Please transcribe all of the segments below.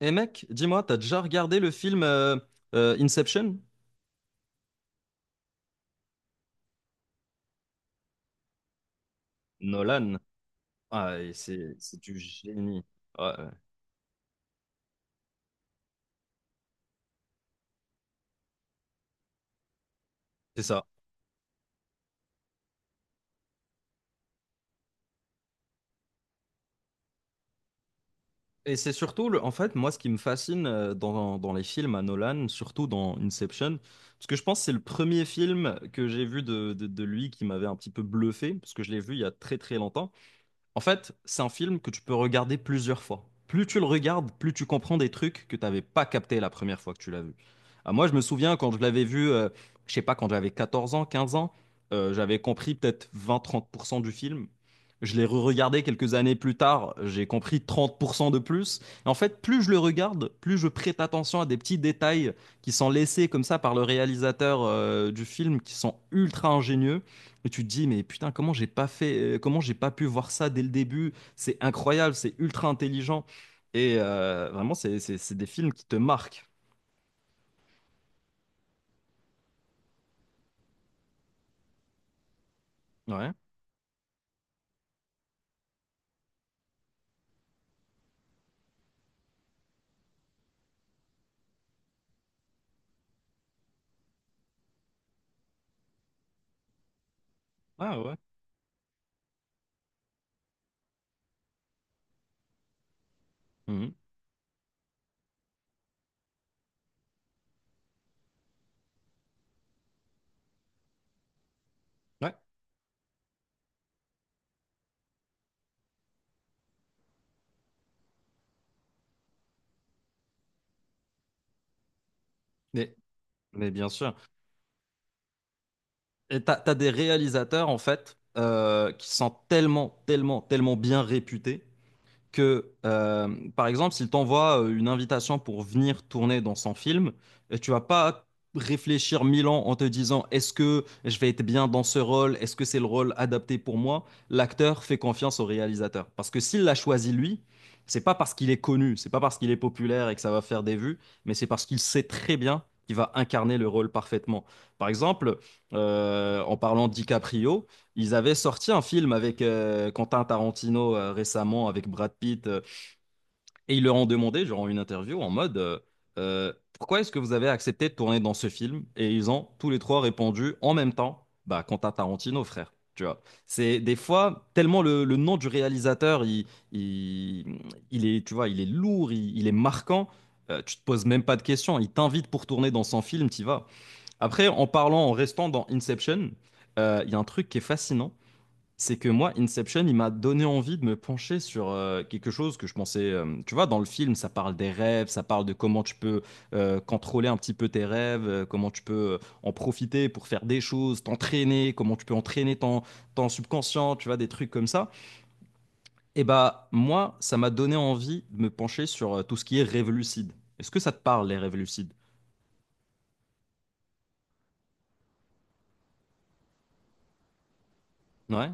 Et mec, dis-moi, t'as déjà regardé le film Inception? Nolan. Ah, et c'est du génie. Ouais, ouais, c'est ça. Et c'est surtout, en fait, moi, ce qui me fascine dans les films à Nolan, surtout dans Inception, parce que je pense que c'est le premier film que j'ai vu de lui qui m'avait un petit peu bluffé, parce que je l'ai vu il y a très très longtemps. En fait, c'est un film que tu peux regarder plusieurs fois. Plus tu le regardes, plus tu comprends des trucs que tu n'avais pas capté la première fois que tu l'as vu. Ah, moi, je me souviens quand je l'avais vu, je sais pas, quand j'avais 14 ans, 15 ans, j'avais compris peut-être 20-30% du film. Je l'ai re-regardé quelques années plus tard, j'ai compris 30% de plus. Et en fait, plus je le regarde, plus je prête attention à des petits détails qui sont laissés comme ça par le réalisateur du film, qui sont ultra ingénieux et tu te dis, mais putain, comment j'ai pas fait, comment j'ai pas pu voir ça dès le début? C'est incroyable, c'est ultra intelligent. Et vraiment, c'est des films qui te marquent. Ouais. Ah ouais. Mhm. Ouais. Mais, mais bien sûr. Et t'as des réalisateurs, en fait, qui sont tellement, tellement, tellement bien réputés que, par exemple, s'il t'envoie une invitation pour venir tourner dans son film, tu vas pas réfléchir mille ans en te disant est-ce que je vais être bien dans ce rôle, est-ce que c'est le rôle adapté pour moi? L'acteur fait confiance au réalisateur. Parce que s'il l'a choisi lui, c'est pas parce qu'il est connu, c'est pas parce qu'il est populaire et que ça va faire des vues, mais c'est parce qu'il sait très bien qu'il va incarner le rôle parfaitement. Par exemple, en parlant de DiCaprio, ils avaient sorti un film avec Quentin Tarantino récemment, avec Brad Pitt, et ils leur ont demandé, genre en une interview, en mode pourquoi est-ce que vous avez accepté de tourner dans ce film? Et ils ont tous les trois répondu en même temps, bah, Quentin Tarantino, frère. Tu vois, c'est des fois tellement le nom du réalisateur, il, il est, tu vois, il est lourd, il est marquant. Tu te poses même pas de questions. Il t'invite pour tourner dans son film, t'y vas. Après, en parlant, en restant dans Inception, il y a un truc qui est fascinant, c'est que moi, Inception, il m'a donné envie de me pencher sur quelque chose que je pensais. Tu vois, dans le film, ça parle des rêves, ça parle de comment tu peux contrôler un petit peu tes rêves, comment tu peux en profiter pour faire des choses, t'entraîner, comment tu peux entraîner ton subconscient, tu vois, des trucs comme ça. Et bah, moi, ça m'a donné envie de me pencher sur tout ce qui est rêve lucide. Est-ce que ça te parle, les rêves lucides? Ouais.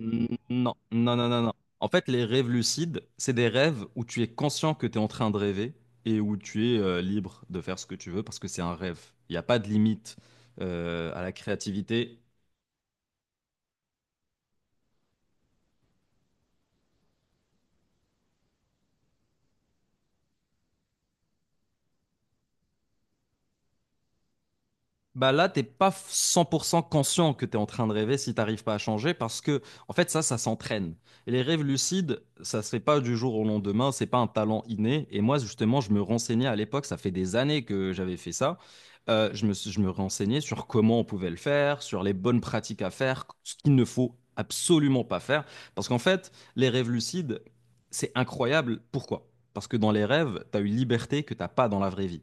Non, non, non, non, non. En fait, les rêves lucides, c'est des rêves où tu es conscient que tu es en train de rêver et où tu es libre de faire ce que tu veux parce que c'est un rêve. Il n'y a pas de limite à la créativité. Bah là, t'es pas 100% conscient que t'es en train de rêver si t'arrives pas à changer parce que, en fait, ça s'entraîne. Et les rêves lucides, ça se fait pas du jour au lendemain, c'est pas un talent inné. Et moi, justement, je me renseignais à l'époque, ça fait des années que j'avais fait ça. Je me renseignais sur comment on pouvait le faire, sur les bonnes pratiques à faire, ce qu'il ne faut absolument pas faire. Parce qu'en fait, les rêves lucides, c'est incroyable. Pourquoi? Parce que dans les rêves, t'as une liberté que t'as pas dans la vraie vie.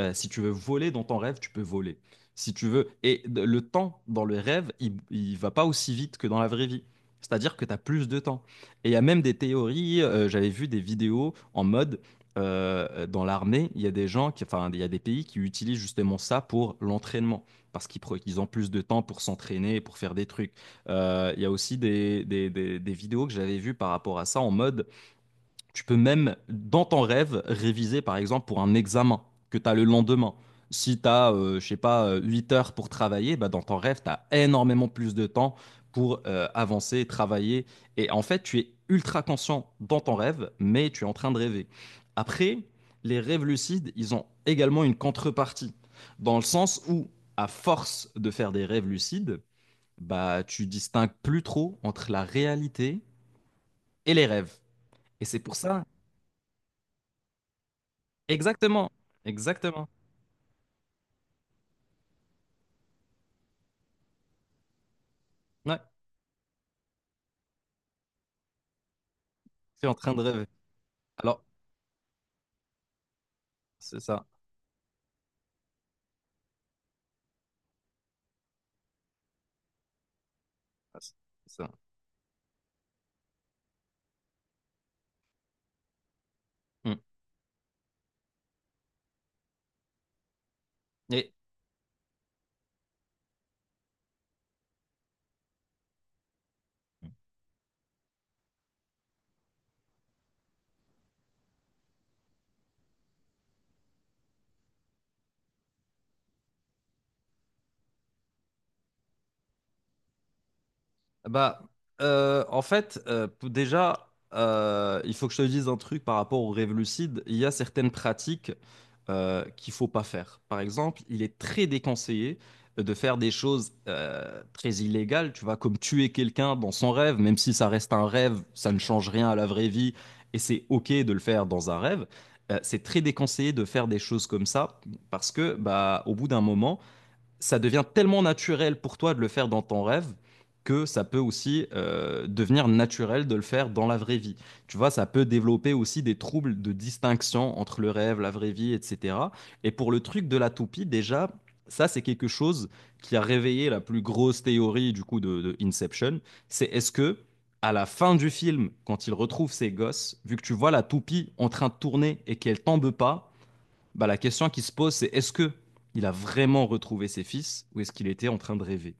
Si tu veux voler dans ton rêve, tu peux voler. Si tu veux. Et le temps dans le rêve, il va pas aussi vite que dans la vraie vie. C'est-à-dire que tu as plus de temps. Et il y a même des théories, j'avais vu des vidéos en mode dans l'armée, il y a des gens qui, enfin, il y a des pays qui utilisent justement ça pour l'entraînement. Parce qu'ils ils ont plus de temps pour s'entraîner, pour faire des trucs. Il y a aussi des vidéos que j'avais vues par rapport à ça en mode tu peux même, dans ton rêve, réviser, par exemple, pour un examen que tu as le lendemain. Si tu as, je sais pas, 8 heures pour travailler, bah, dans ton rêve, tu as énormément plus de temps pour avancer, travailler. Et en fait, tu es ultra conscient dans ton rêve, mais tu es en train de rêver. Après, les rêves lucides, ils ont également une contrepartie, dans le sens où, à force de faire des rêves lucides, bah, tu distingues plus trop entre la réalité et les rêves. Et c'est pour ça. Exactement, exactement. Ouais, je suis en train de rêver. Alors, c'est ça. C'est ça. Mm. Et, bah, en fait, déjà, il faut que je te dise un truc par rapport aux rêves lucides. Il y a certaines pratiques qu'il faut pas faire. Par exemple, il est très déconseillé de faire des choses très illégales, tu vois, comme tuer quelqu'un dans son rêve, même si ça reste un rêve, ça ne change rien à la vraie vie, et c'est OK de le faire dans un rêve. C'est très déconseillé de faire des choses comme ça, parce que, bah, au bout d'un moment, ça devient tellement naturel pour toi de le faire dans ton rêve que ça peut aussi devenir naturel de le faire dans la vraie vie. Tu vois, ça peut développer aussi des troubles de distinction entre le rêve, la vraie vie, etc. Et pour le truc de la toupie, déjà, ça, c'est quelque chose qui a réveillé la plus grosse théorie du coup de Inception. C'est est-ce que à la fin du film, quand il retrouve ses gosses, vu que tu vois la toupie en train de tourner et qu'elle tombe pas, bah, la question qui se pose, c'est est-ce que il a vraiment retrouvé ses fils ou est-ce qu'il était en train de rêver.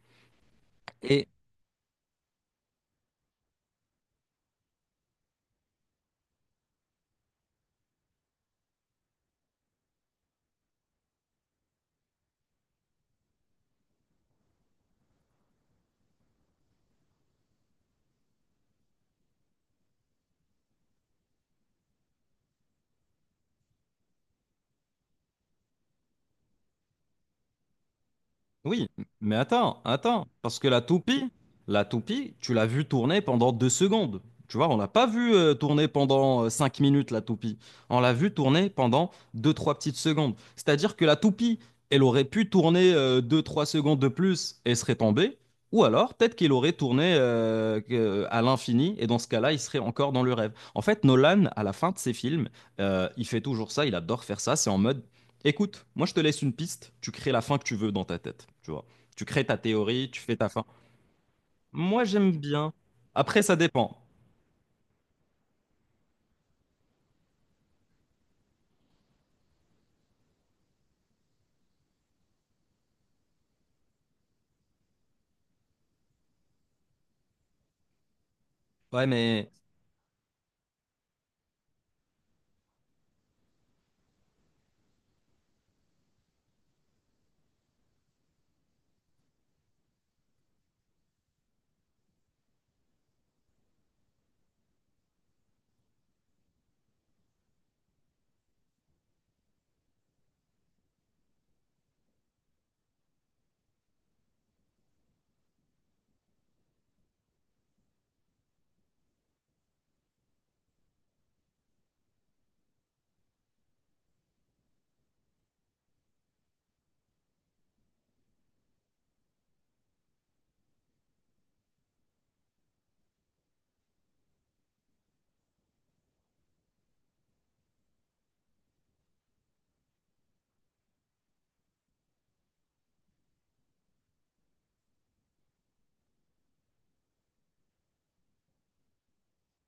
Et. Oui, mais attends, attends, parce que la toupie, tu l'as vue tourner pendant 2 secondes. Tu vois, on l'a pas vue tourner pendant 5 minutes, la toupie. On l'a vue tourner pendant deux, trois petites secondes. C'est-à-dire que la toupie, elle aurait pu tourner deux, trois secondes de plus et serait tombée, ou alors peut-être qu'elle aurait tourné à l'infini, et dans ce cas-là, il serait encore dans le rêve. En fait, Nolan, à la fin de ses films, il fait toujours ça, il adore faire ça. C'est en mode, écoute, moi je te laisse une piste, tu crées la fin que tu veux dans ta tête, tu vois. Tu crées ta théorie, tu fais ta fin. Moi j'aime bien. Après ça dépend. Ouais, mais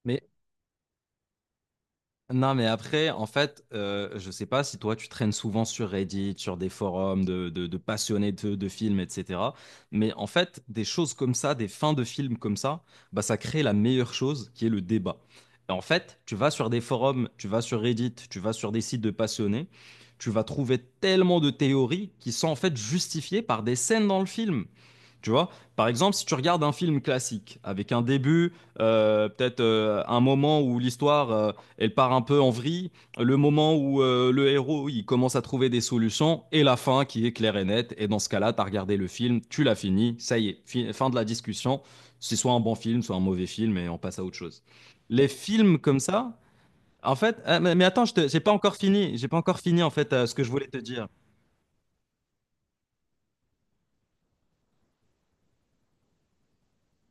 mais Non, mais après, en fait, je sais pas si toi, tu traînes souvent sur Reddit, sur des forums de passionnés de films, etc. Mais en fait, des choses comme ça, des fins de films comme ça, bah, ça crée la meilleure chose qui est le débat. Et en fait, tu vas sur des forums, tu vas sur Reddit, tu vas sur des sites de passionnés, tu vas trouver tellement de théories qui sont en fait justifiées par des scènes dans le film. Tu vois, par exemple, si tu regardes un film classique avec un début, peut-être un moment où l'histoire elle part un peu en vrille, le moment où le héros il commence à trouver des solutions et la fin qui est claire et nette. Et dans ce cas-là, tu as regardé le film, tu l'as fini, ça y est, fin de la discussion. C'est soit un bon film, soit un mauvais film et on passe à autre chose. Les films comme ça, en fait, ah, mais attends, j'ai pas encore fini, j'ai pas encore fini en fait ce que je voulais te dire.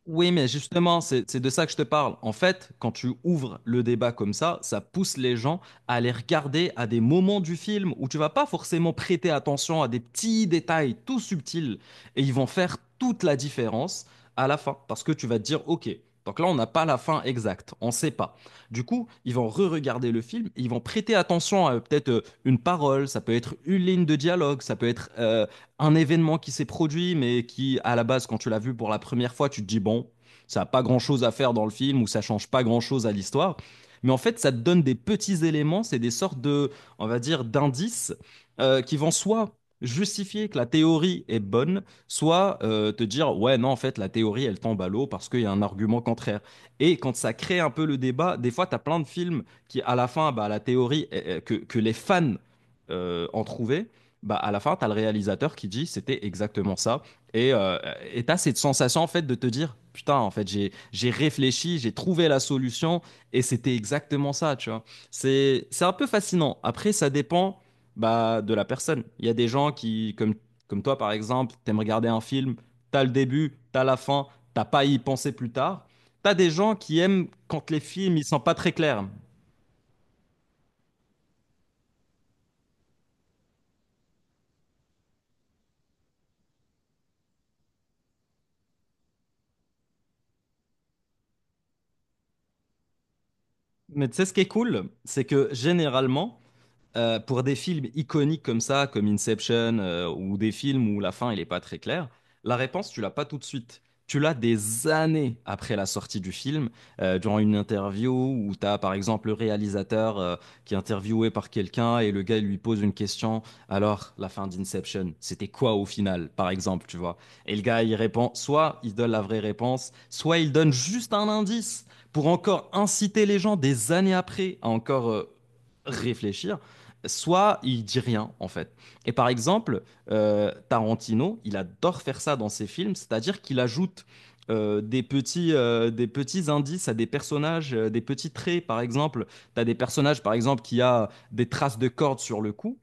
Oui, mais justement, c'est de ça que je te parle. En fait, quand tu ouvres le débat comme ça pousse les gens à aller regarder à des moments du film où tu vas pas forcément prêter attention à des petits détails tout subtils, et ils vont faire toute la différence à la fin, parce que tu vas te dire, OK, donc là, on n'a pas la fin exacte, on sait pas. Du coup, ils vont re-regarder le film, et ils vont prêter attention à peut-être une parole, ça peut être une ligne de dialogue, ça peut être un événement qui s'est produit, mais qui, à la base, quand tu l'as vu pour la première fois, tu te dis, bon, ça n'a pas grand-chose à faire dans le film, ou ça ne change pas grand-chose à l'histoire. Mais en fait, ça te donne des petits éléments, c'est des sortes de, on va dire, d'indices qui vont soit justifier que la théorie est bonne, soit te dire ouais non, en fait la théorie elle tombe à l'eau parce qu'il y a un argument contraire. Et quand ça crée un peu le débat, des fois tu as plein de films qui à la fin bah, la théorie que les fans ont trouvé, bah, à la fin, tu as le réalisateur qui dit c'était exactement ça. Et euh, et tu as cette sensation en fait de te dire putain, en fait, j'ai réfléchi, j'ai trouvé la solution, et c'était exactement ça, tu vois. C'est un peu fascinant. Après, ça dépend bah, de la personne. Il y a des gens qui, comme toi par exemple, t'aimes regarder un film, t'as le début, t'as la fin, t'as pas à y penser plus tard. T'as des gens qui aiment quand les films ils sont pas très clairs. Mais tu sais ce qui est cool, c'est que généralement, pour des films iconiques comme ça, comme Inception, ou des films où la fin, elle n'est pas très claire, la réponse, tu l'as pas tout de suite. Tu l'as des années après la sortie du film, durant une interview où tu as par exemple le réalisateur qui est interviewé par quelqu'un, et le gars lui pose une question. Alors, la fin d'Inception, c'était quoi au final, par exemple, tu vois? Et le gars, il répond, soit il donne la vraie réponse, soit il donne juste un indice pour encore inciter les gens des années après à encore réfléchir, soit il dit rien en fait. Et par exemple, Tarantino, il adore faire ça dans ses films, c'est-à-dire qu'il ajoute des petits indices à des personnages, des petits traits par exemple. Tu as des personnages par exemple qui a des traces de cordes sur le cou,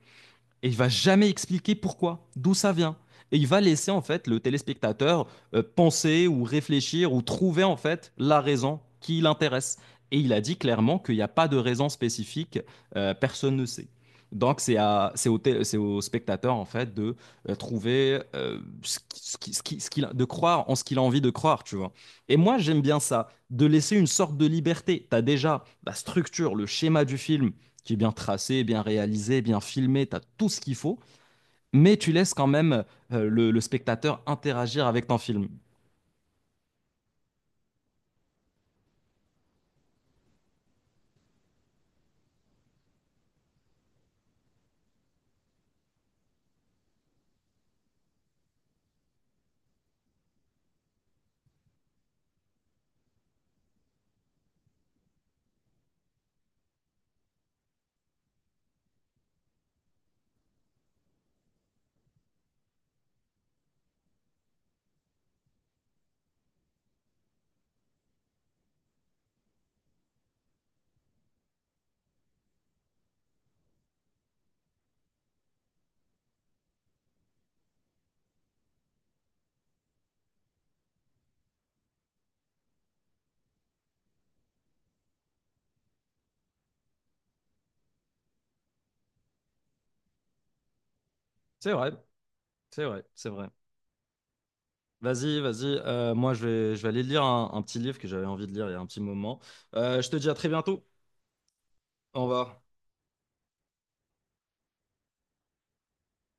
et il va jamais expliquer pourquoi, d'où ça vient. Et il va laisser en fait le téléspectateur penser ou réfléchir ou trouver en fait la raison qui l'intéresse. Et il a dit clairement qu'il n'y a pas de raison spécifique, personne ne sait. Donc c'est à- c'est au, té- c'est au spectateur en fait de trouver ce qui- ce qui- ce qui- ce qu'il a- de croire en ce qu'il a envie de croire, tu vois. Et moi j'aime bien ça, de laisser une sorte de liberté. T'as déjà la structure, le schéma du film qui est bien tracé, bien réalisé, bien filmé, tu as tout ce qu'il faut, mais tu laisses quand même le spectateur interagir avec ton film. C'est vrai, c'est vrai, c'est vrai. Vas-y, vas-y. Moi, je vais aller lire un petit livre que j'avais envie de lire il y a un petit moment. Je te dis à très bientôt. Au revoir.